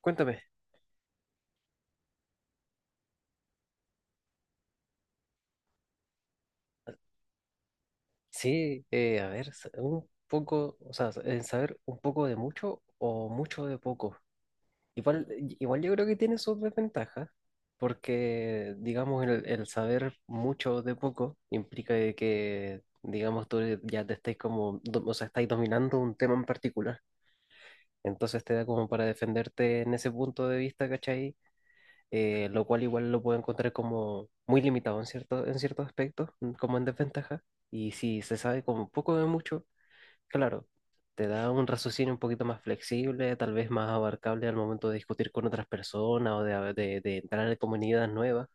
Cuéntame. Sí, a ver, un poco, o sea, en saber un poco de mucho o mucho de poco. Igual, igual yo creo que tiene sus desventajas, porque, digamos, el saber mucho de poco implica de que, digamos, tú ya te estáis como, o sea, estáis dominando un tema en particular. Entonces te da como para defenderte en ese punto de vista, ¿cachai? Lo cual igual lo puedo encontrar como muy limitado en cierto, en ciertos aspectos, como en desventaja. Y si se sabe como poco de mucho, claro, te da un raciocinio un poquito más flexible, tal vez más abarcable al momento de discutir con otras personas o de entrar en comunidades nuevas.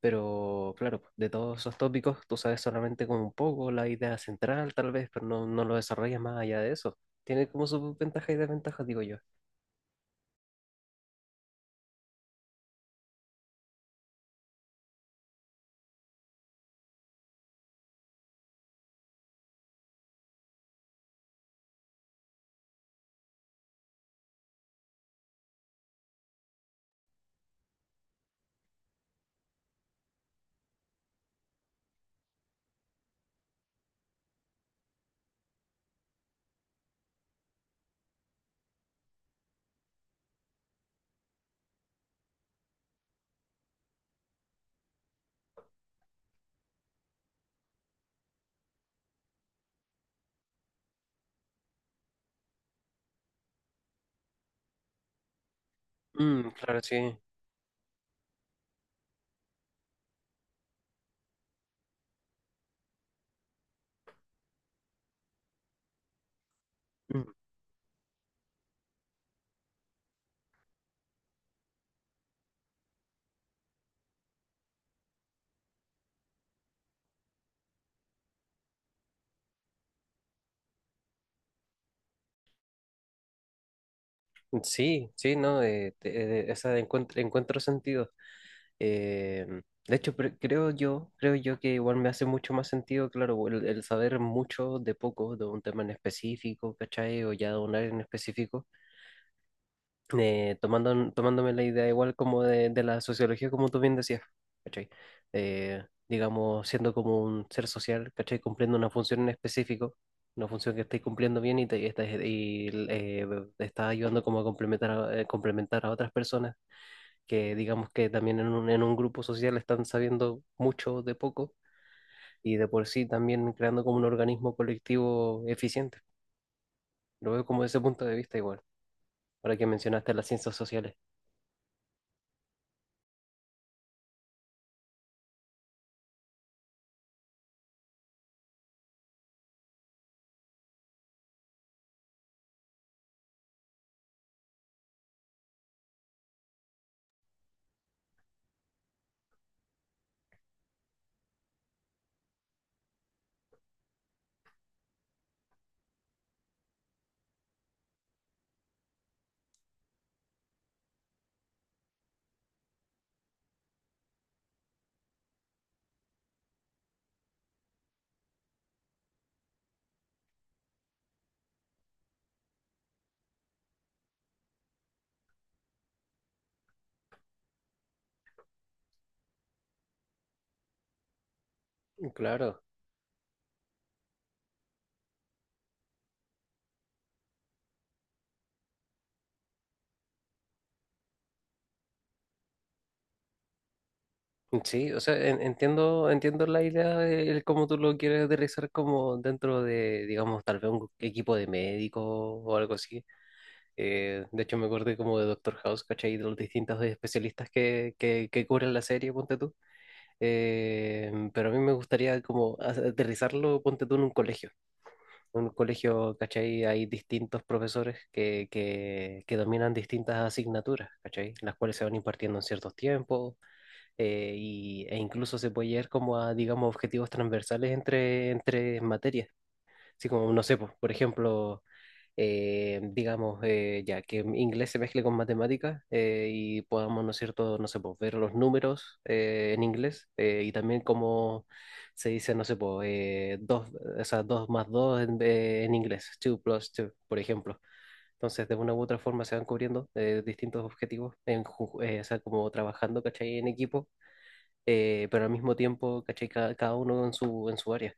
Pero claro, de todos esos tópicos tú sabes solamente como un poco la idea central, tal vez, pero no, no lo desarrollas más allá de eso. Tiene como sus ventajas y desventajas, digo yo. Mm, claro, sí. Sí, sí, no, esa de encuentro sentido. Eh, de hecho, creo yo que igual me hace mucho más sentido, claro, el saber mucho de poco, de un tema en específico, ¿cachai? O ya de un área en específico, tomándome la idea igual como de la sociología, como tú bien decías, ¿cachai? Digamos, siendo como un ser social, ¿cachai? Cumpliendo una función en específico, una función que estáis cumpliendo bien y te está ayudando como a complementar a otras personas que digamos que también en un grupo social están sabiendo mucho de poco y de por sí también creando como un organismo colectivo eficiente. Lo veo como desde ese punto de vista igual, ahora que mencionaste las ciencias sociales. Claro. Sí, o sea, entiendo la idea de el cómo tú lo quieres aterrizar como dentro de, digamos, tal vez un equipo de médicos o algo así. De hecho, me acordé como de Doctor House, ¿cachai? De los distintos especialistas que cubren la serie, ponte tú. Pero a mí me gustaría como aterrizarlo, ponte tú en un colegio. En un colegio, ¿cachai? Hay distintos profesores que dominan distintas asignaturas, ¿cachai? Las cuales se van impartiendo en ciertos tiempos, e incluso se puede llegar como a, digamos, objetivos transversales entre materias. Así como, no sé, pues, por ejemplo, digamos, ya que inglés se mezcle con matemáticas, y podamos, ¿no es cierto?, no sé, pues, ver los números, en inglés, y también cómo se dice, no sé, pues, dos, o sea, dos más dos en inglés, two plus two, por ejemplo. Entonces, de una u otra forma se van cubriendo, distintos objetivos, o sea, como trabajando, ¿cachai?, en equipo, pero al mismo tiempo, ¿cachai? Cada uno en su área.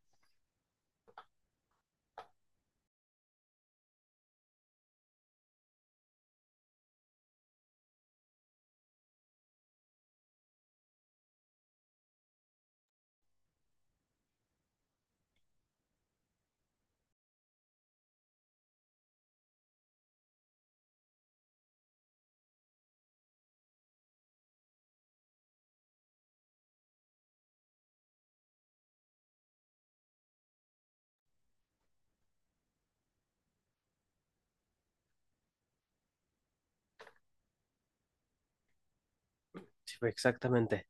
Sí, pues, exactamente.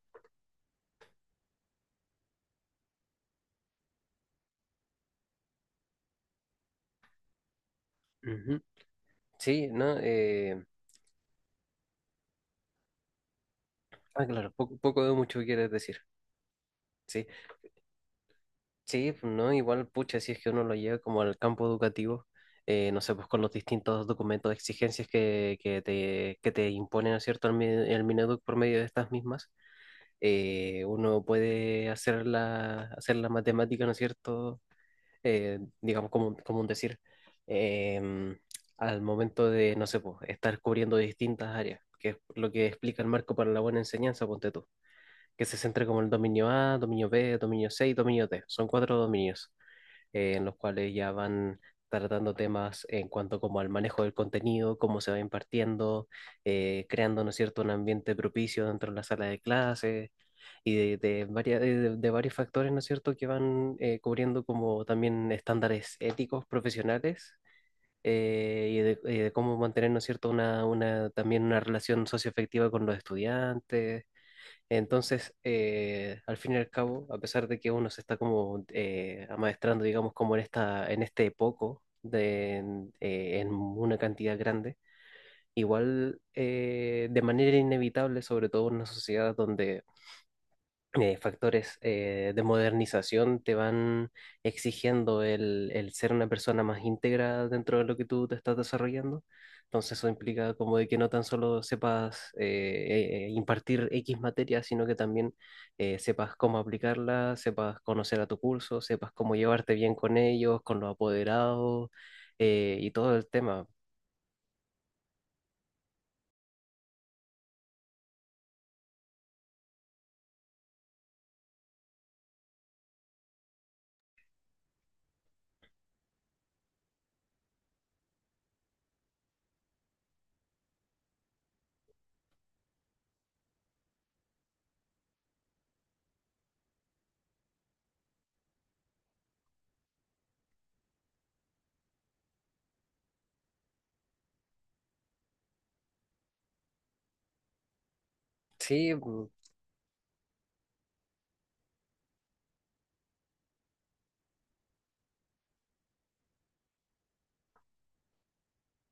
Ujú. Sí, ¿no? Ah, claro, poco, poco de mucho quieres decir. Sí, sí, pues, ¿no? Igual, pucha, si es que uno lo lleva como al campo educativo, no sé, pues con los distintos documentos de exigencias que te imponen, ¿no es cierto?, el Mineduc por medio de estas mismas, uno puede hacer la matemática, ¿no es cierto?, digamos, como un decir, eh, al momento de, no sé, pues, estar cubriendo distintas áreas, que es lo que explica el marco para la buena enseñanza, ponte tú, que se centra como el dominio A, dominio B, dominio C y dominio D. Son cuatro dominios, en los cuales ya van tratando temas en cuanto como al manejo del contenido, cómo se va impartiendo, creando, ¿no es cierto?, un ambiente propicio dentro de la sala de clases y de varios factores, ¿no es cierto?, que van, cubriendo como también estándares éticos, profesionales, y de cómo mantener, ¿no es cierto?, también una relación socioafectiva con los estudiantes. Entonces, al fin y al cabo, a pesar de que uno se está como, amaestrando, digamos, como en esta, en este poco, de, en una cantidad grande, igual, de manera inevitable, sobre todo en una sociedad donde, factores, de modernización te van exigiendo el ser una persona más íntegra dentro de lo que tú te estás desarrollando. Entonces eso implica como de que no tan solo sepas, impartir X materia, sino que también, sepas cómo aplicarla, sepas conocer a tu curso, sepas cómo llevarte bien con ellos, con los apoderados, y todo el tema. Sí. Mm,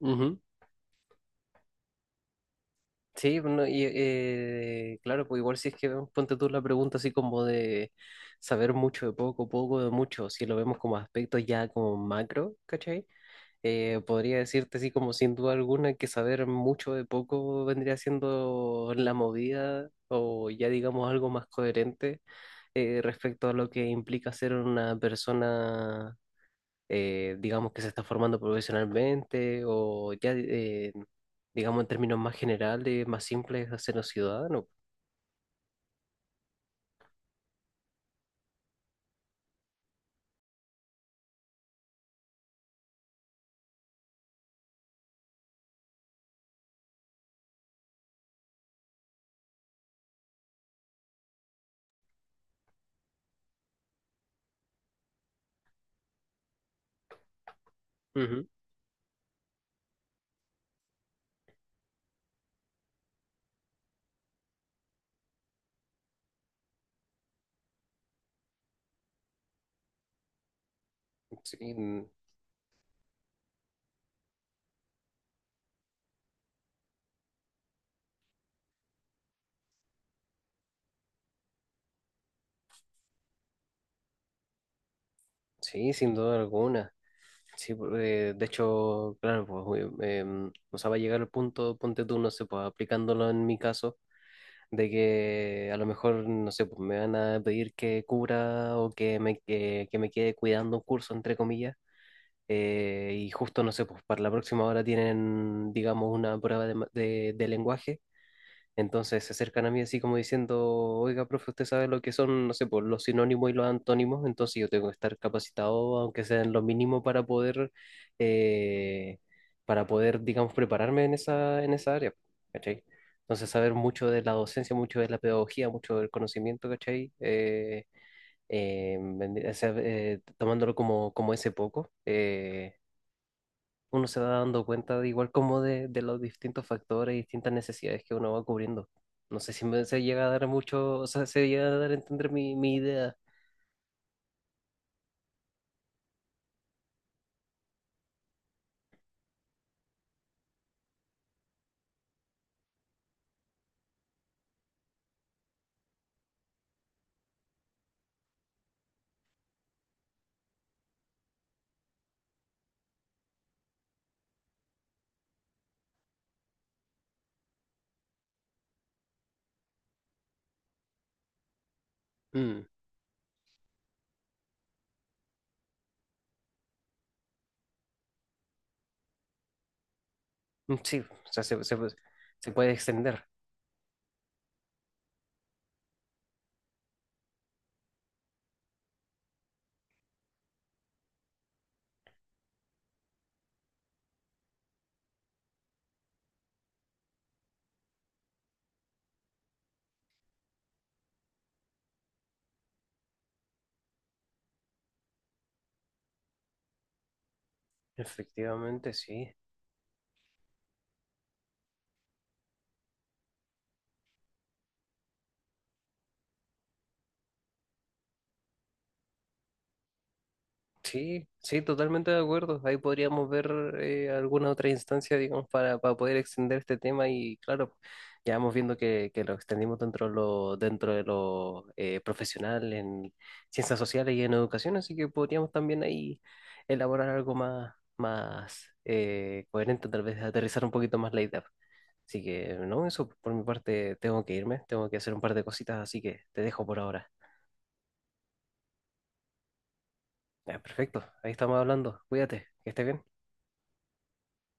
ujú. Sí, bueno, y, claro, pues igual si es que vemos, ponte tú la pregunta así como de saber mucho de poco, poco de mucho, si lo vemos como aspectos ya como macro, ¿cachai? Podría decirte así como sin duda alguna que saber mucho de poco vendría siendo la movida o ya digamos algo más coherente, respecto a lo que implica ser una persona, digamos que se está formando profesionalmente o ya, digamos en términos más generales, más simples, hacernos ciudadanos. Ujú. Sí, mm, sí, sin duda alguna. Sí, de hecho, claro, pues, o sea, va a llegar el punto, ponte tú, no sé, pues aplicándolo en mi caso, de que a lo mejor, no sé, pues me van a pedir que cubra o que me quede cuidando un curso, entre comillas. Y justo, no sé, pues para la próxima hora tienen, digamos, una prueba de lenguaje. Entonces se acercan a mí así como diciendo, oiga, profe, usted sabe lo que son, no sé, pues los sinónimos y los antónimos, entonces yo tengo que estar capacitado, aunque sea en lo mínimo, eh, para poder, digamos, prepararme en esa área, ¿cachai? Entonces saber mucho de la docencia, mucho de la pedagogía, mucho del conocimiento, ¿cachai? O sea, tomándolo como ese poco. Uno se va dando cuenta de igual como de los distintos factores y distintas necesidades que uno va cubriendo. No sé si se llega a dar mucho, o sea, se llega a dar a entender mi idea. Mm, mm, sí, o sea, se puede extender. Efectivamente, sí. Sí, sí, totalmente de acuerdo. Ahí podríamos ver, alguna otra instancia, digamos, para poder extender este tema y claro, ya vamos viendo que lo extendimos dentro de lo, profesional en ciencias sociales y en educación, así que podríamos también ahí elaborar algo más, coherente, tal vez aterrizar un poquito más la idea. Así que no, eso por mi parte tengo que irme, tengo que hacer un par de cositas, así que te dejo por ahora. Ya, perfecto, ahí estamos hablando. Cuídate, que estés bien.